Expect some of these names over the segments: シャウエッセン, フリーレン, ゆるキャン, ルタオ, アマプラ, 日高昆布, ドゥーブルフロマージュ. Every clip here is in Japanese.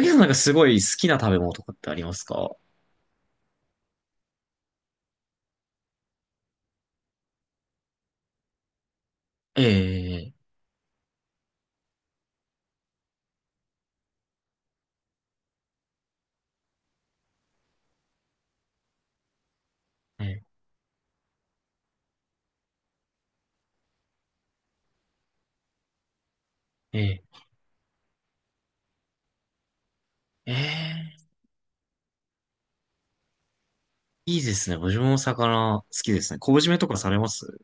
ゆさんなんかすごい好きな食べ物とかってありますか？ええ、ええ、ええ、ええ、いいですね。僕も魚好きですね。昆布締めとかされます？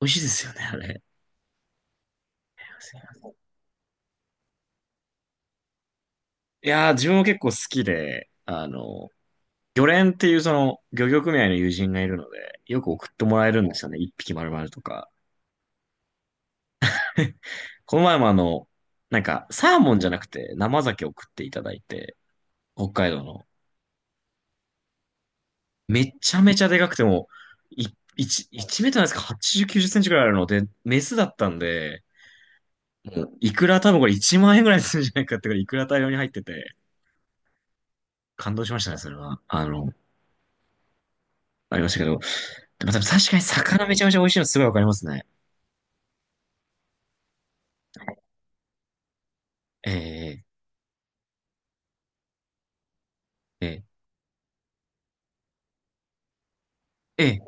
美味しいですよね、あれ。いやー、自分も結構好きで、漁連っていうその漁業組合の友人がいるので、よく送ってもらえるんですよね。一匹丸々とか。この前もなんか、サーモンじゃなくて生鮭を送っていただいて、北海道の。めちゃめちゃでかくても、い、1、いちメートルなんですか？ 80、90センチくらいあるので、メスだったんで、もういくら多分これ1万円ぐらいするんじゃないかってぐらい、いくら大量に入ってて、感動しましたね、それは。ありましたけど。でも多分確かに魚めちゃめちゃ美味しいのすごいわかりますね。えー、えー、え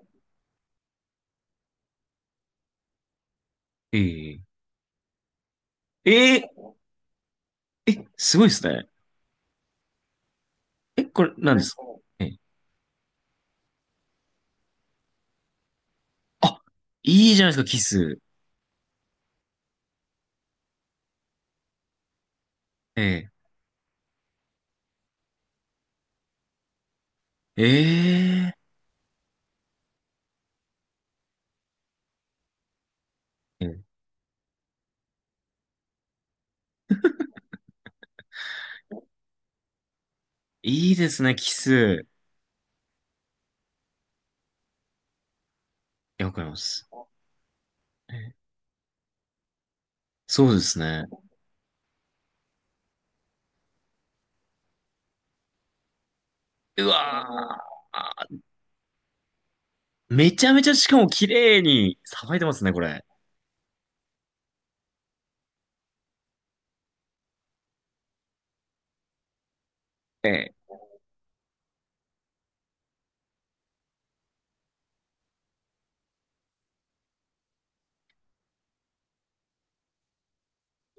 ー、えー、えー、え、すごいですね。え、これ何ですか？えー、あ、いいじゃないですか、キス。えー、えー、えーいいですね、キス。いや、わかります。えーそうですね。うわー。めちゃめちゃしかも綺麗にさばいてますね、これ。ええ。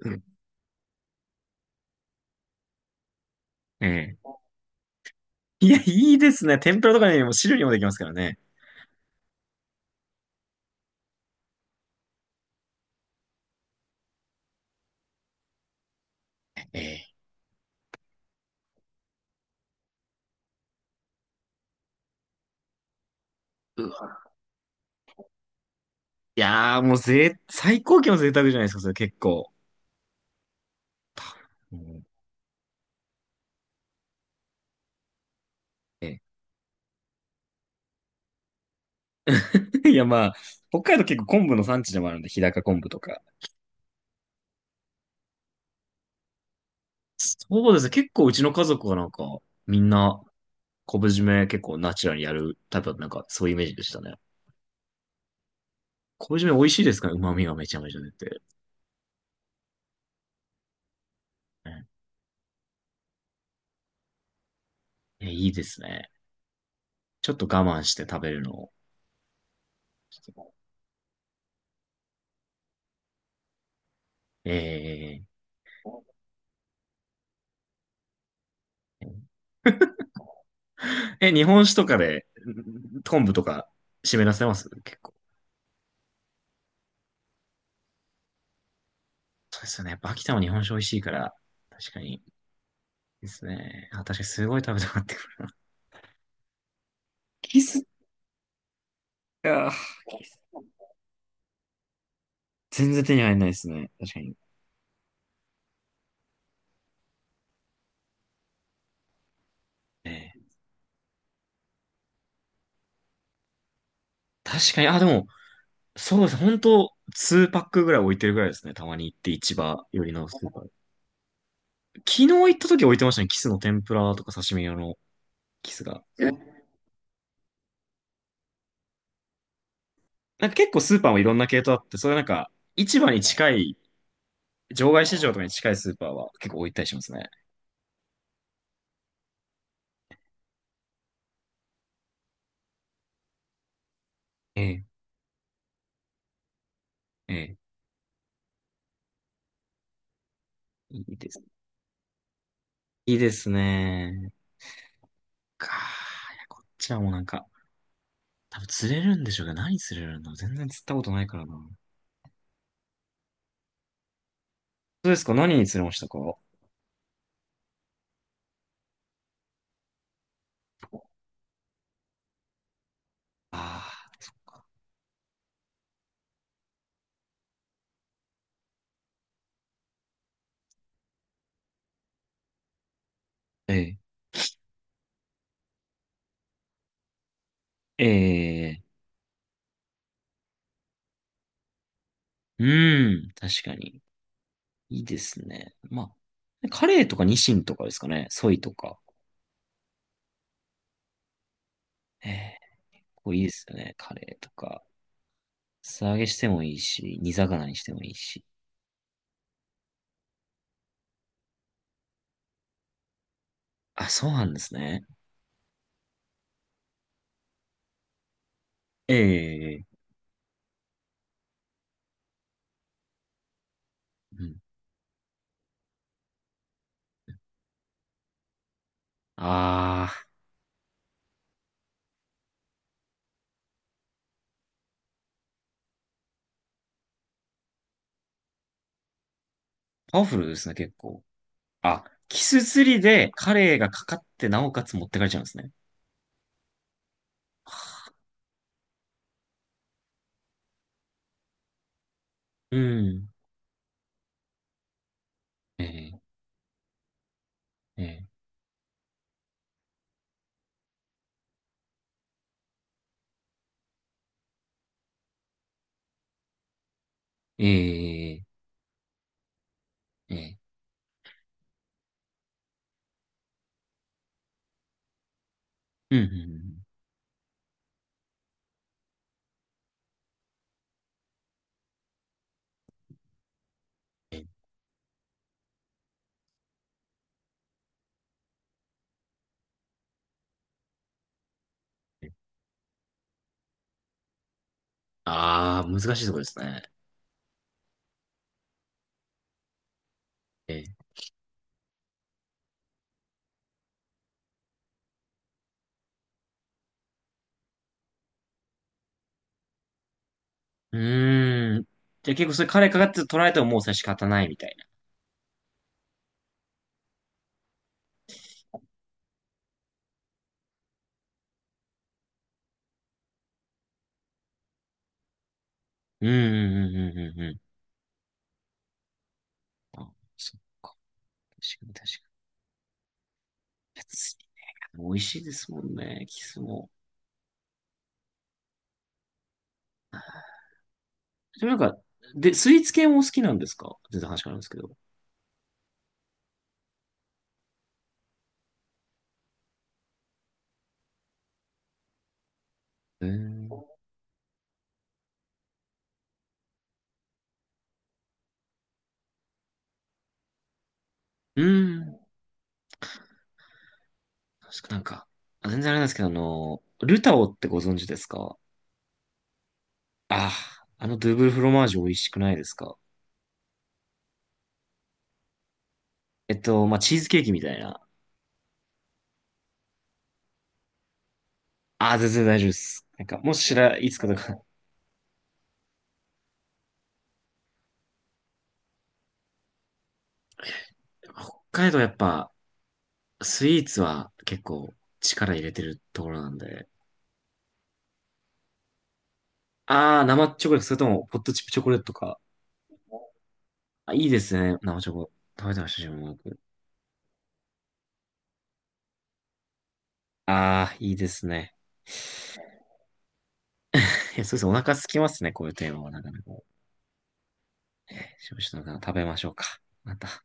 うんええ。いや、いいですね。天ぷらとかにも汁にもできますからね。ええ。うわ。いやー、もう最高級の贅沢じゃないですか、それ結構。うんええ いや、まあ、北海道結構昆布の産地でもあるんで、日高昆布とか。そうですね。結構うちの家族がなんか、みんな、昆布締め結構ナチュラルにやるタイプだったなんか、そういうイメージでしたね。昆布締め美味しいですから、旨味がめちゃめちゃ出て。えええ、いいですね。ちょっと我慢して食べるのを。えー、え、日本酒とかで、ん昆布とか湿らせます結構。そうですよね。やっぱ秋田も日本酒美味しいから、確かに。いいですね。あ、確かにすごい食べたくなってくるなキス、いやーキス全然手に入らないですね。確かに。えー確かに、あ、でも、そうです。本当2パックぐらい置いてるぐらいですね。たまに行って市場寄りのスーパー。昨日行った時置いてましたね。キスの天ぷらとか刺身用のキスが。なんか結構スーパーもいろんな系統あって、それなんか、市場に近い、場外市場とかに近いスーパーは結構置いたりしますね。ええ、ええ、いいです。いいですね。かいや、こっちはもうなんか、多分釣れるんでしょうけど、何釣れるの全然釣ったことないからな。そうですか？何に釣れましたか？ああー、そっか。ええ、ええ、うん、確かに。いいですね。まあ、カレーとかニシンとかですかね。ソイとか。ええ、こういいですよね。カレーとか。素揚げしてもいいし、煮魚にしてもいいし。あ、そうなんですね。ええええうん。ああ、パワフルですね、結構。あ、キス釣りでカレイがかかってなおかつ持ってかれちゃうんですね。うん。ええええええええうん、うんうんうんええええああ、難しいところですね。ええ。うーん。じゃあ結構それカレーかかって取られてももうそれ仕方ないみたいな。うん、うん、うん、うん、うん。うんあ、そっか。確かに確かに。美味しいですもんね、キスも。でもなんか、で、スイーツ系もお好きなんですか？全然話変わるんですけど。えー、うん。確かなんか、あ全然あれなんですけど、ルタオってご存知ですか？ああ、あのドゥーブルフロマージュ美味しくないですか？まあ、チーズケーキみたいな。ああ、全然大丈夫です。なんか、もしら、いつかとか、北海道やっぱ、スイーツは結構力入れてるところなんで。ああ、生チョコレート、それとも、ポットチップチョコレートとか。あ、いいですね、生チョコ。食べてました、自分もよく。ああ、いいですね。いや、そうですね。お腹空きますね。こういうテーマはなかなか。少々の方食べましょうか。また。